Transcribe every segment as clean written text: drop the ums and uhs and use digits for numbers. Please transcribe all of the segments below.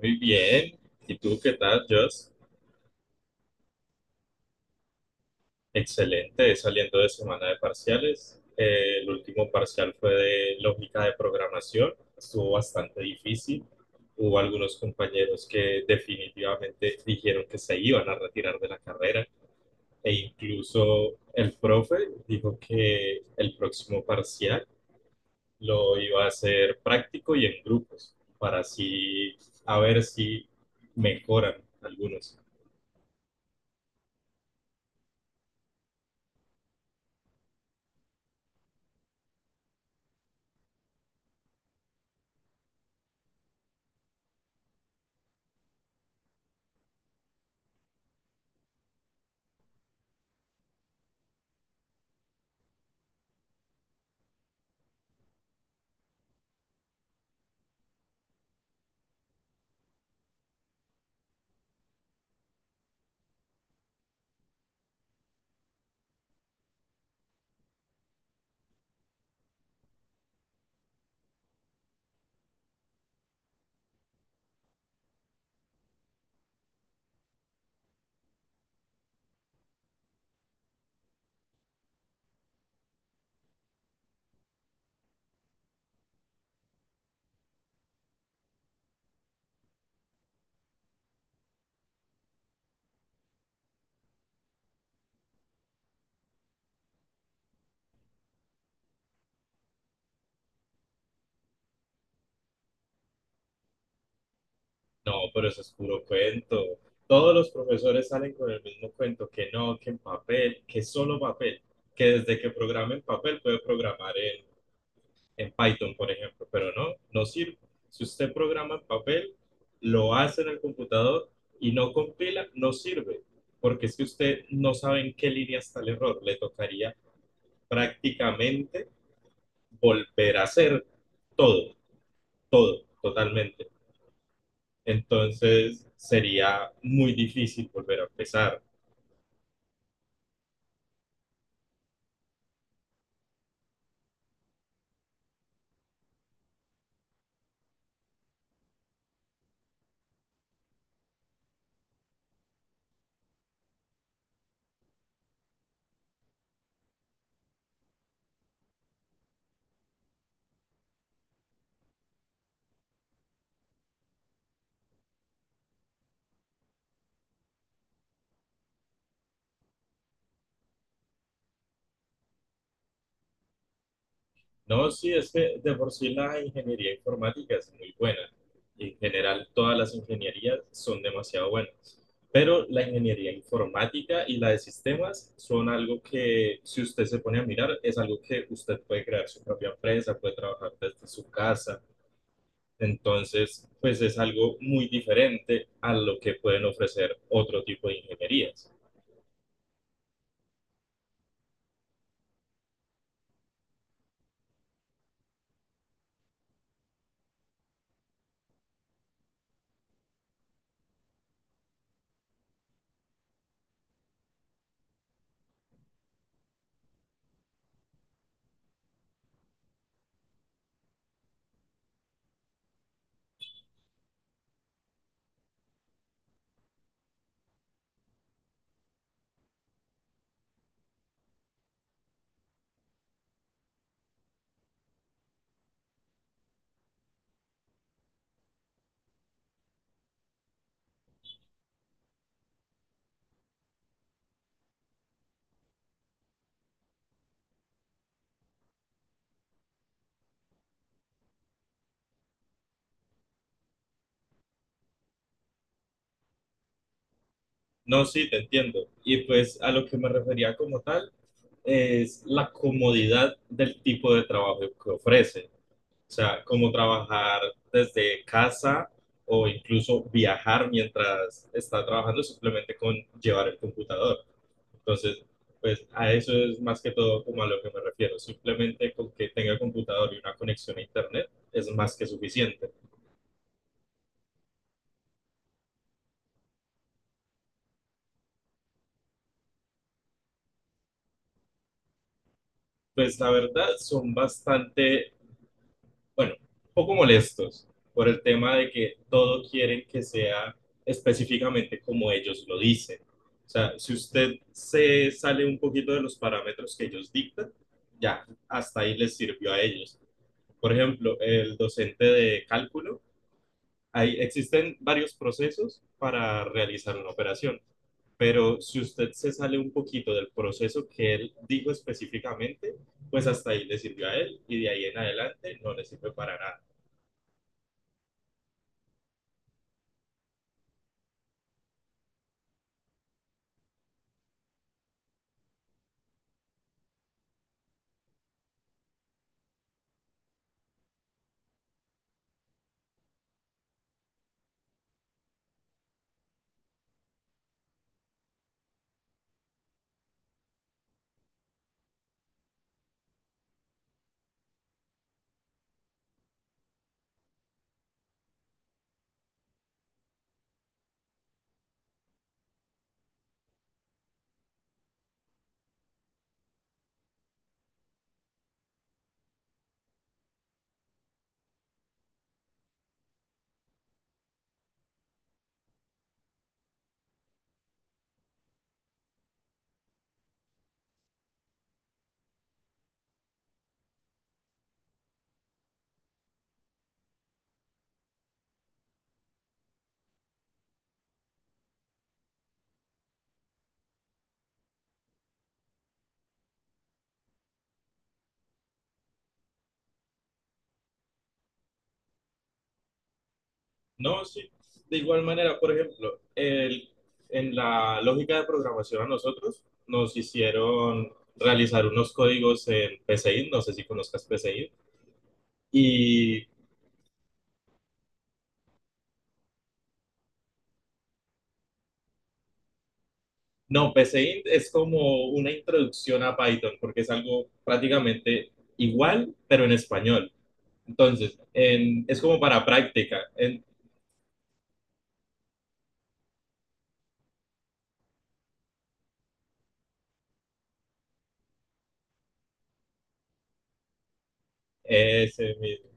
Muy bien. ¿Y tú qué tal, Joss? Excelente, saliendo de semana de parciales. El último parcial fue de lógica de programación. Estuvo bastante difícil. Hubo algunos compañeros que definitivamente dijeron que se iban a retirar de la carrera e incluso el profe dijo que el próximo parcial lo iba a hacer práctico y en grupos para así a ver si mejoran algunos. No, pero eso es puro cuento. Todos los profesores salen con el mismo cuento, que no, que en papel, que solo papel, que desde que programa en papel puede programar en Python, por ejemplo, pero no, no sirve. Si usted programa en papel, lo hace en el computador y no compila, no sirve, porque es que usted no sabe en qué línea está el error. Le tocaría prácticamente volver a hacer todo, todo, totalmente. Entonces sería muy difícil volver a empezar. No, sí, es que de por sí la ingeniería informática es muy buena. En general, todas las ingenierías son demasiado buenas. Pero la ingeniería informática y la de sistemas son algo que, si usted se pone a mirar, es algo que usted puede crear su propia empresa, puede trabajar desde su casa. Entonces, pues es algo muy diferente a lo que pueden ofrecer otro tipo de ingenierías. No, sí, te entiendo. Y pues a lo que me refería como tal es la comodidad del tipo de trabajo que ofrece. O sea, como trabajar desde casa o incluso viajar mientras está trabajando simplemente con llevar el computador. Entonces, pues a eso es más que todo como a lo que me refiero. Simplemente con que tenga computador y una conexión a internet es más que suficiente. Pues la verdad son bastante bueno, un poco molestos por el tema de que todo quieren que sea específicamente como ellos lo dicen. O sea, si usted se sale un poquito de los parámetros que ellos dictan, ya, hasta ahí les sirvió a ellos. Por ejemplo, el docente de cálculo, ahí existen varios procesos para realizar una operación, pero si usted se sale un poquito del proceso que él dijo específicamente, pues hasta ahí le sirvió a él y de ahí en adelante no le sirve para nada. No, sí. De igual manera, por ejemplo, en la lógica de programación a nosotros nos hicieron realizar unos códigos en Pseint. No sé si conozcas Pseint. Y no, Pseint es como una introducción a Python porque es algo prácticamente igual, pero en español. Entonces, es como para práctica. Ese mismo.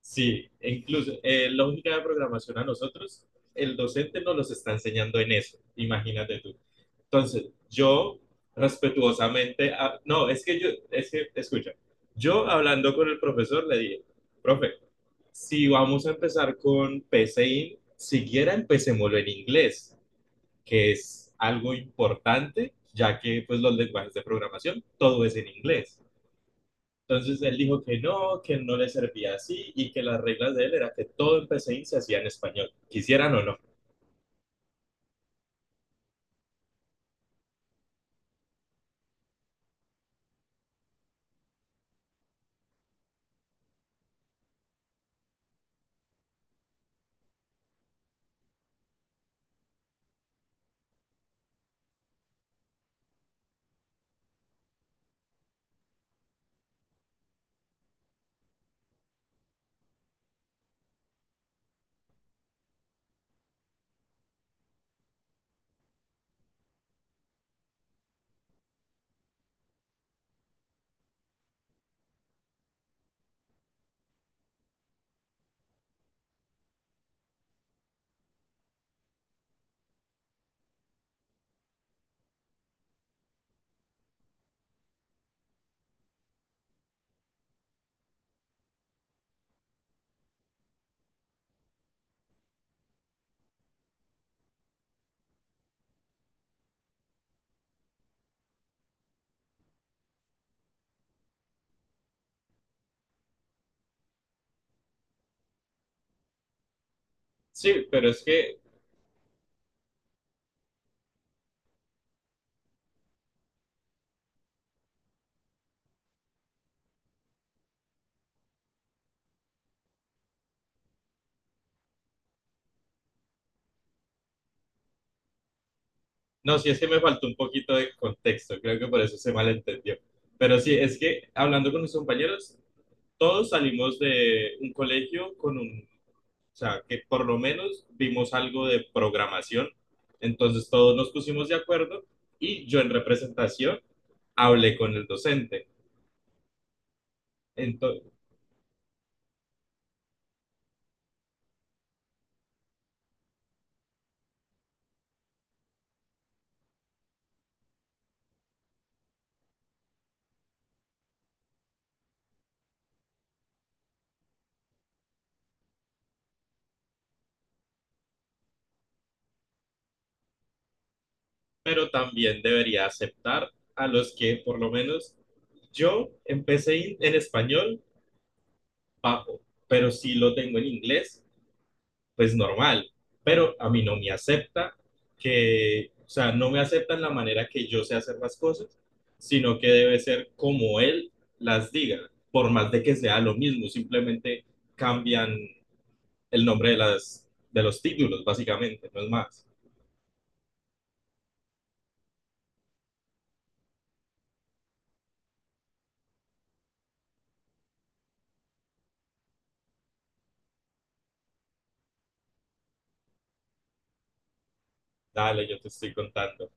Sí, e incluso en lógica de programación a nosotros, el docente nos los está enseñando en eso, imagínate tú. Entonces, yo respetuosamente, a- no, es que yo, es que, escucha, yo hablando con el profesor le dije, profe, si vamos a empezar con PCI, siquiera empecémoslo en inglés, que es algo importante, ya que pues los lenguajes de programación, todo es en inglés. Entonces él dijo que no le servía así y que las reglas de él era que todo en PCI se hacía en español, quisieran o no. Sí, pero es que No, sí, es que me faltó un poquito de contexto, creo que por eso se malentendió. Pero sí, es que hablando con mis compañeros, todos salimos de un colegio o sea, que por lo menos vimos algo de programación, entonces todos nos pusimos de acuerdo y yo en representación hablé con el docente. Ento- pero también debería aceptar a los que por lo menos yo en español bajo, pero sí lo tengo en inglés pues normal, pero a mí no me acepta que, o sea, no me aceptan la manera que yo sé hacer las cosas, sino que debe ser como él las diga, por más de que sea lo mismo, simplemente cambian el nombre de, las, de los títulos, básicamente, no es más. Dale, yo te estoy contando.